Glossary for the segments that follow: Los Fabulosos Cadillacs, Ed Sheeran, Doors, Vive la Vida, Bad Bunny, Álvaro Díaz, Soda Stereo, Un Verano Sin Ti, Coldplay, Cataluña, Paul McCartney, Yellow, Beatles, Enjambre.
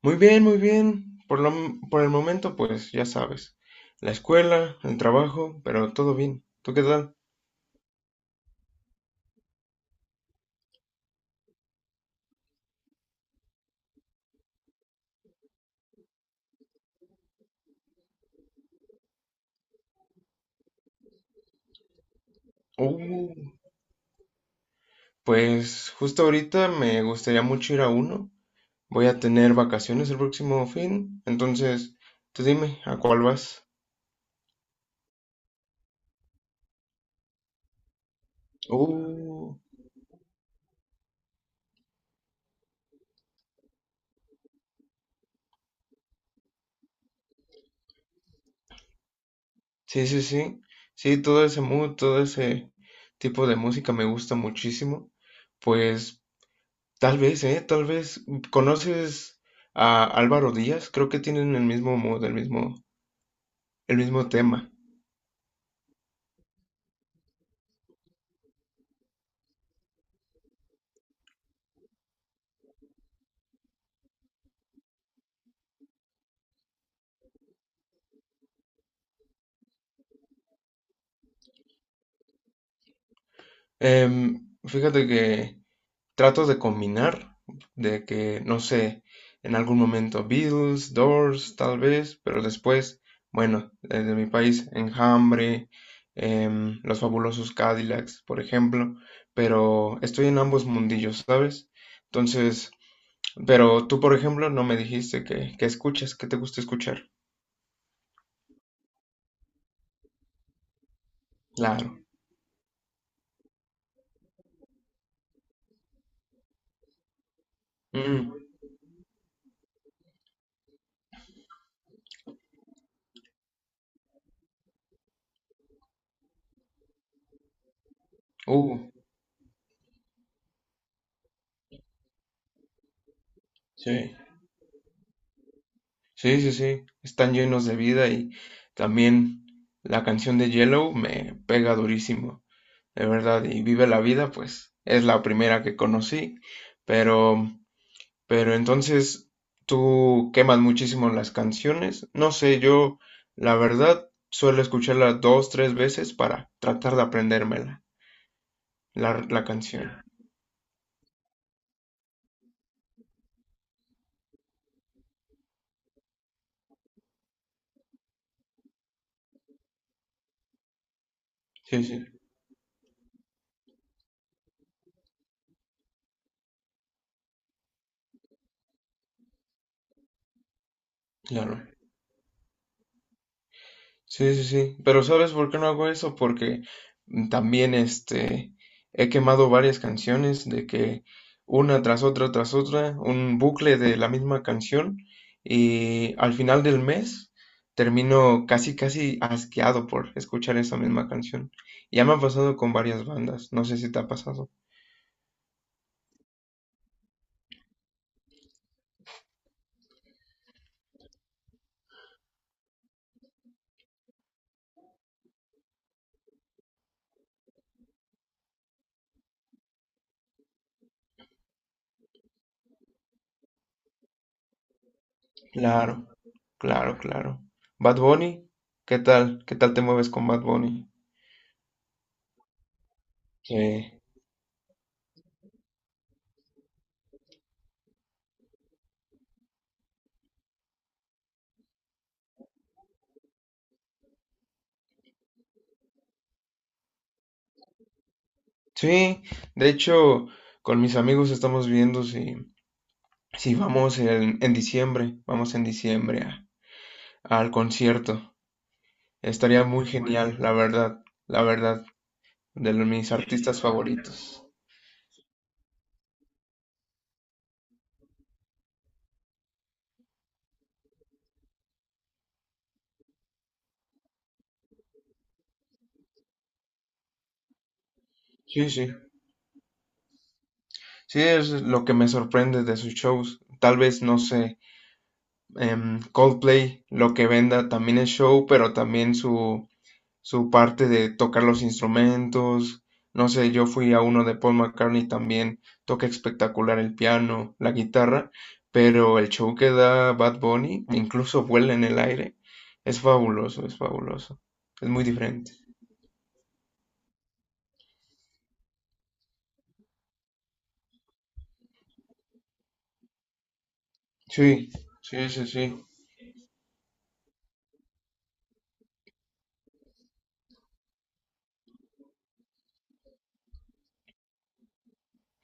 Muy bien, muy bien. Por el momento, pues ya sabes, la escuela, el trabajo, pero todo bien. ¿Tú qué tal? Uh, pues justo ahorita me gustaría mucho ir a uno. Voy a tener vacaciones el próximo fin, entonces tú dime, ¿a cuál vas? Uh, sí, sí, sí. Sí, todo ese mood, todo ese tipo de música me gusta muchísimo. Pues tal vez, ¿eh? Tal vez. ¿Conoces a Álvaro Díaz? Creo que tienen el mismo mood, el mismo tema. Em, fíjate que trato de combinar, de que, no sé, en algún momento Beatles, Doors, tal vez, pero después, bueno, desde mi país, Enjambre, Los Fabulosos Cadillacs, por ejemplo, pero estoy en ambos mundillos, ¿sabes? Entonces, pero tú, por ejemplo, no me dijiste que, escuchas, que te gusta escuchar. Claro. Mm, uh, sí. Sí, sí, sí. Están llenos de vida y también la canción de Yellow me pega durísimo, de verdad. Y Vive la Vida, pues es la primera que conocí. Pero, pero entonces tú quemas muchísimo las canciones. No sé, yo la verdad suelo escucharla dos, tres veces para tratar de aprendérmela, la canción. Sí, sí, claro. Sí, sí, sí. Pero ¿sabes por qué no hago eso? Porque también este he quemado varias canciones de que una tras otra, un bucle de la misma canción y al final del mes termino casi casi asqueado por escuchar esa misma canción. Ya me ha pasado con varias bandas, no sé si te ha pasado. Claro, claro, claro. Bad Bunny, ¿qué tal? ¿Qué tal te mueves con Bad Bunny? Sí. Sí, de hecho, con mis amigos estamos viendo si, si vamos en diciembre, vamos en diciembre a- al concierto. Estaría muy genial, la verdad, de los, mis artistas favoritos. Sí, sí, sí, es lo que me sorprende de sus shows. Tal vez, no sé, Coldplay, lo que venda también es show, pero también su parte de tocar los instrumentos. No sé, yo fui a uno de Paul McCartney también, toca espectacular el piano, la guitarra, pero el show que da Bad Bunny, incluso vuela en el aire, es fabuloso, es fabuloso. Es muy diferente. Sí, sí, sí, sí.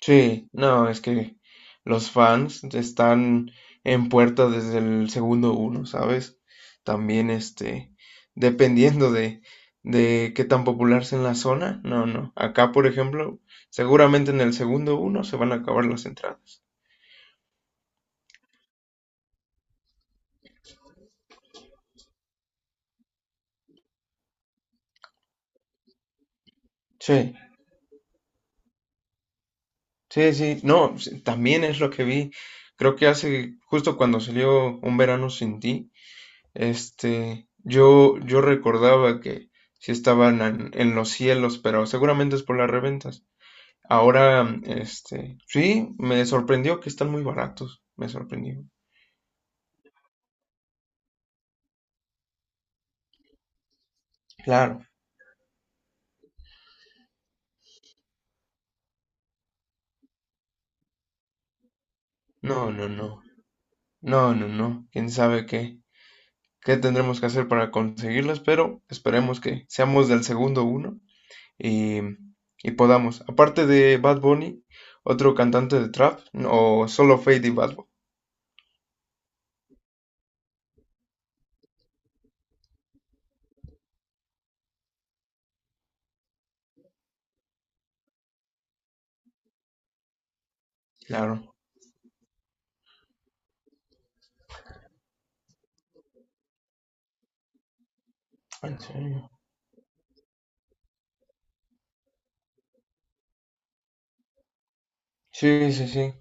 Sí, no, es que los fans están en puerta desde el segundo uno, ¿sabes? También, este, dependiendo de qué tan popular sea en la zona, no, no. Acá, por ejemplo, seguramente en el segundo uno se van a acabar las entradas. Sí, sí, sí, no, sí, también es lo que vi. Creo que hace, justo cuando salió Un Verano Sin Ti, este, yo recordaba que sí estaban en los cielos, pero seguramente es por las reventas. Ahora, este, sí, me sorprendió que están muy baratos. Me sorprendió. Claro. No, no, no. No, no, no. Quién sabe qué, qué tendremos que hacer para conseguirlas, pero esperemos que seamos del segundo uno y, y podamos. Aparte de Bad Bunny, ¿otro cantante de trap, o solo Fade y Bad Bunny? Claro. En serio. Sí, sí, sí.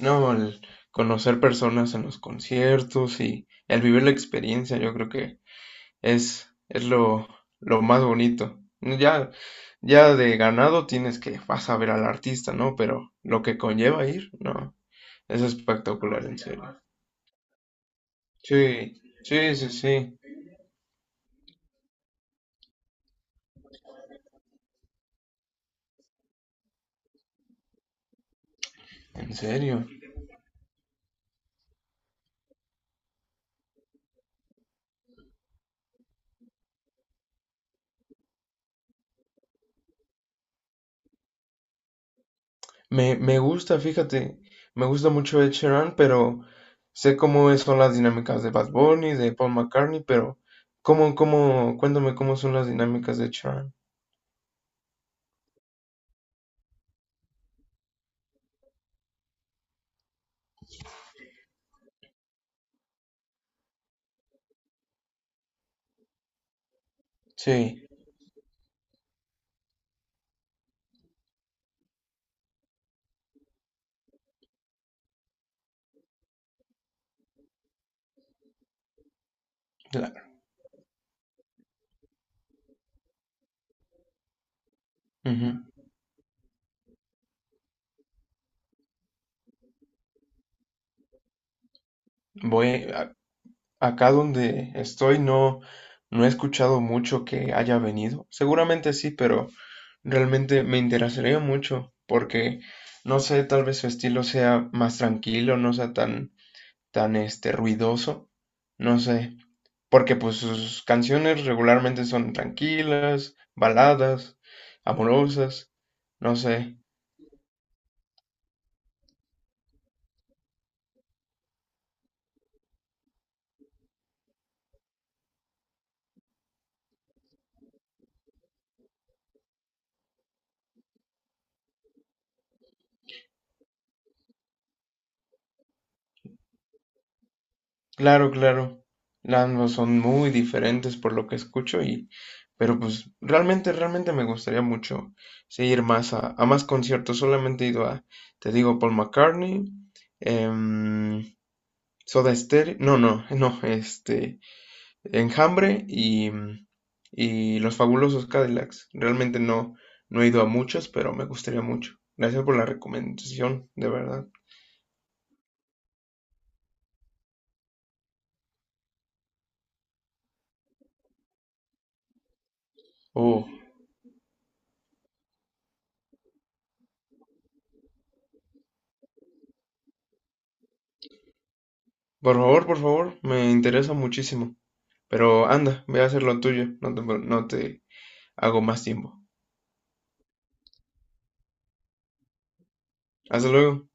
No, el conocer personas en los conciertos y el vivir la experiencia, yo creo que es lo más bonito. Ya, ya de ganado tienes que vas a ver al artista, ¿no? Pero lo que conlleva ir, no, es espectacular, en serio. Sí, sí, sí, sí, en serio. Me gusta, fíjate, me gusta mucho Ed Sheeran, pero sé cómo son las dinámicas de Bad Bunny, de Paul McCartney, pero cómo, cómo, cuéntame cómo son las dinámicas de Ed Sheeran. Sí, claro. Ujú. Voy a- acá donde estoy no he escuchado mucho que haya venido. Seguramente sí, pero realmente me interesaría mucho porque no sé, tal vez su estilo sea más tranquilo, no sea tan este ruidoso. No sé. Porque pues sus canciones regularmente son tranquilas, baladas, amorosas, no sé. Claro, claro. Ambos son muy diferentes por lo que escucho y pero pues realmente, realmente me gustaría mucho seguir más a más conciertos. Solamente he ido a, te digo, Paul McCartney, em, Soda Stereo, no, no, no, este, Enjambre y Los Fabulosos Cadillacs. Realmente no, no he ido a muchos, pero me gustaría mucho. Gracias por la recomendación, de verdad. Oh, por favor, me interesa muchísimo. Pero anda, ve a hacer lo tuyo, no te, no te hago más tiempo. Hasta luego.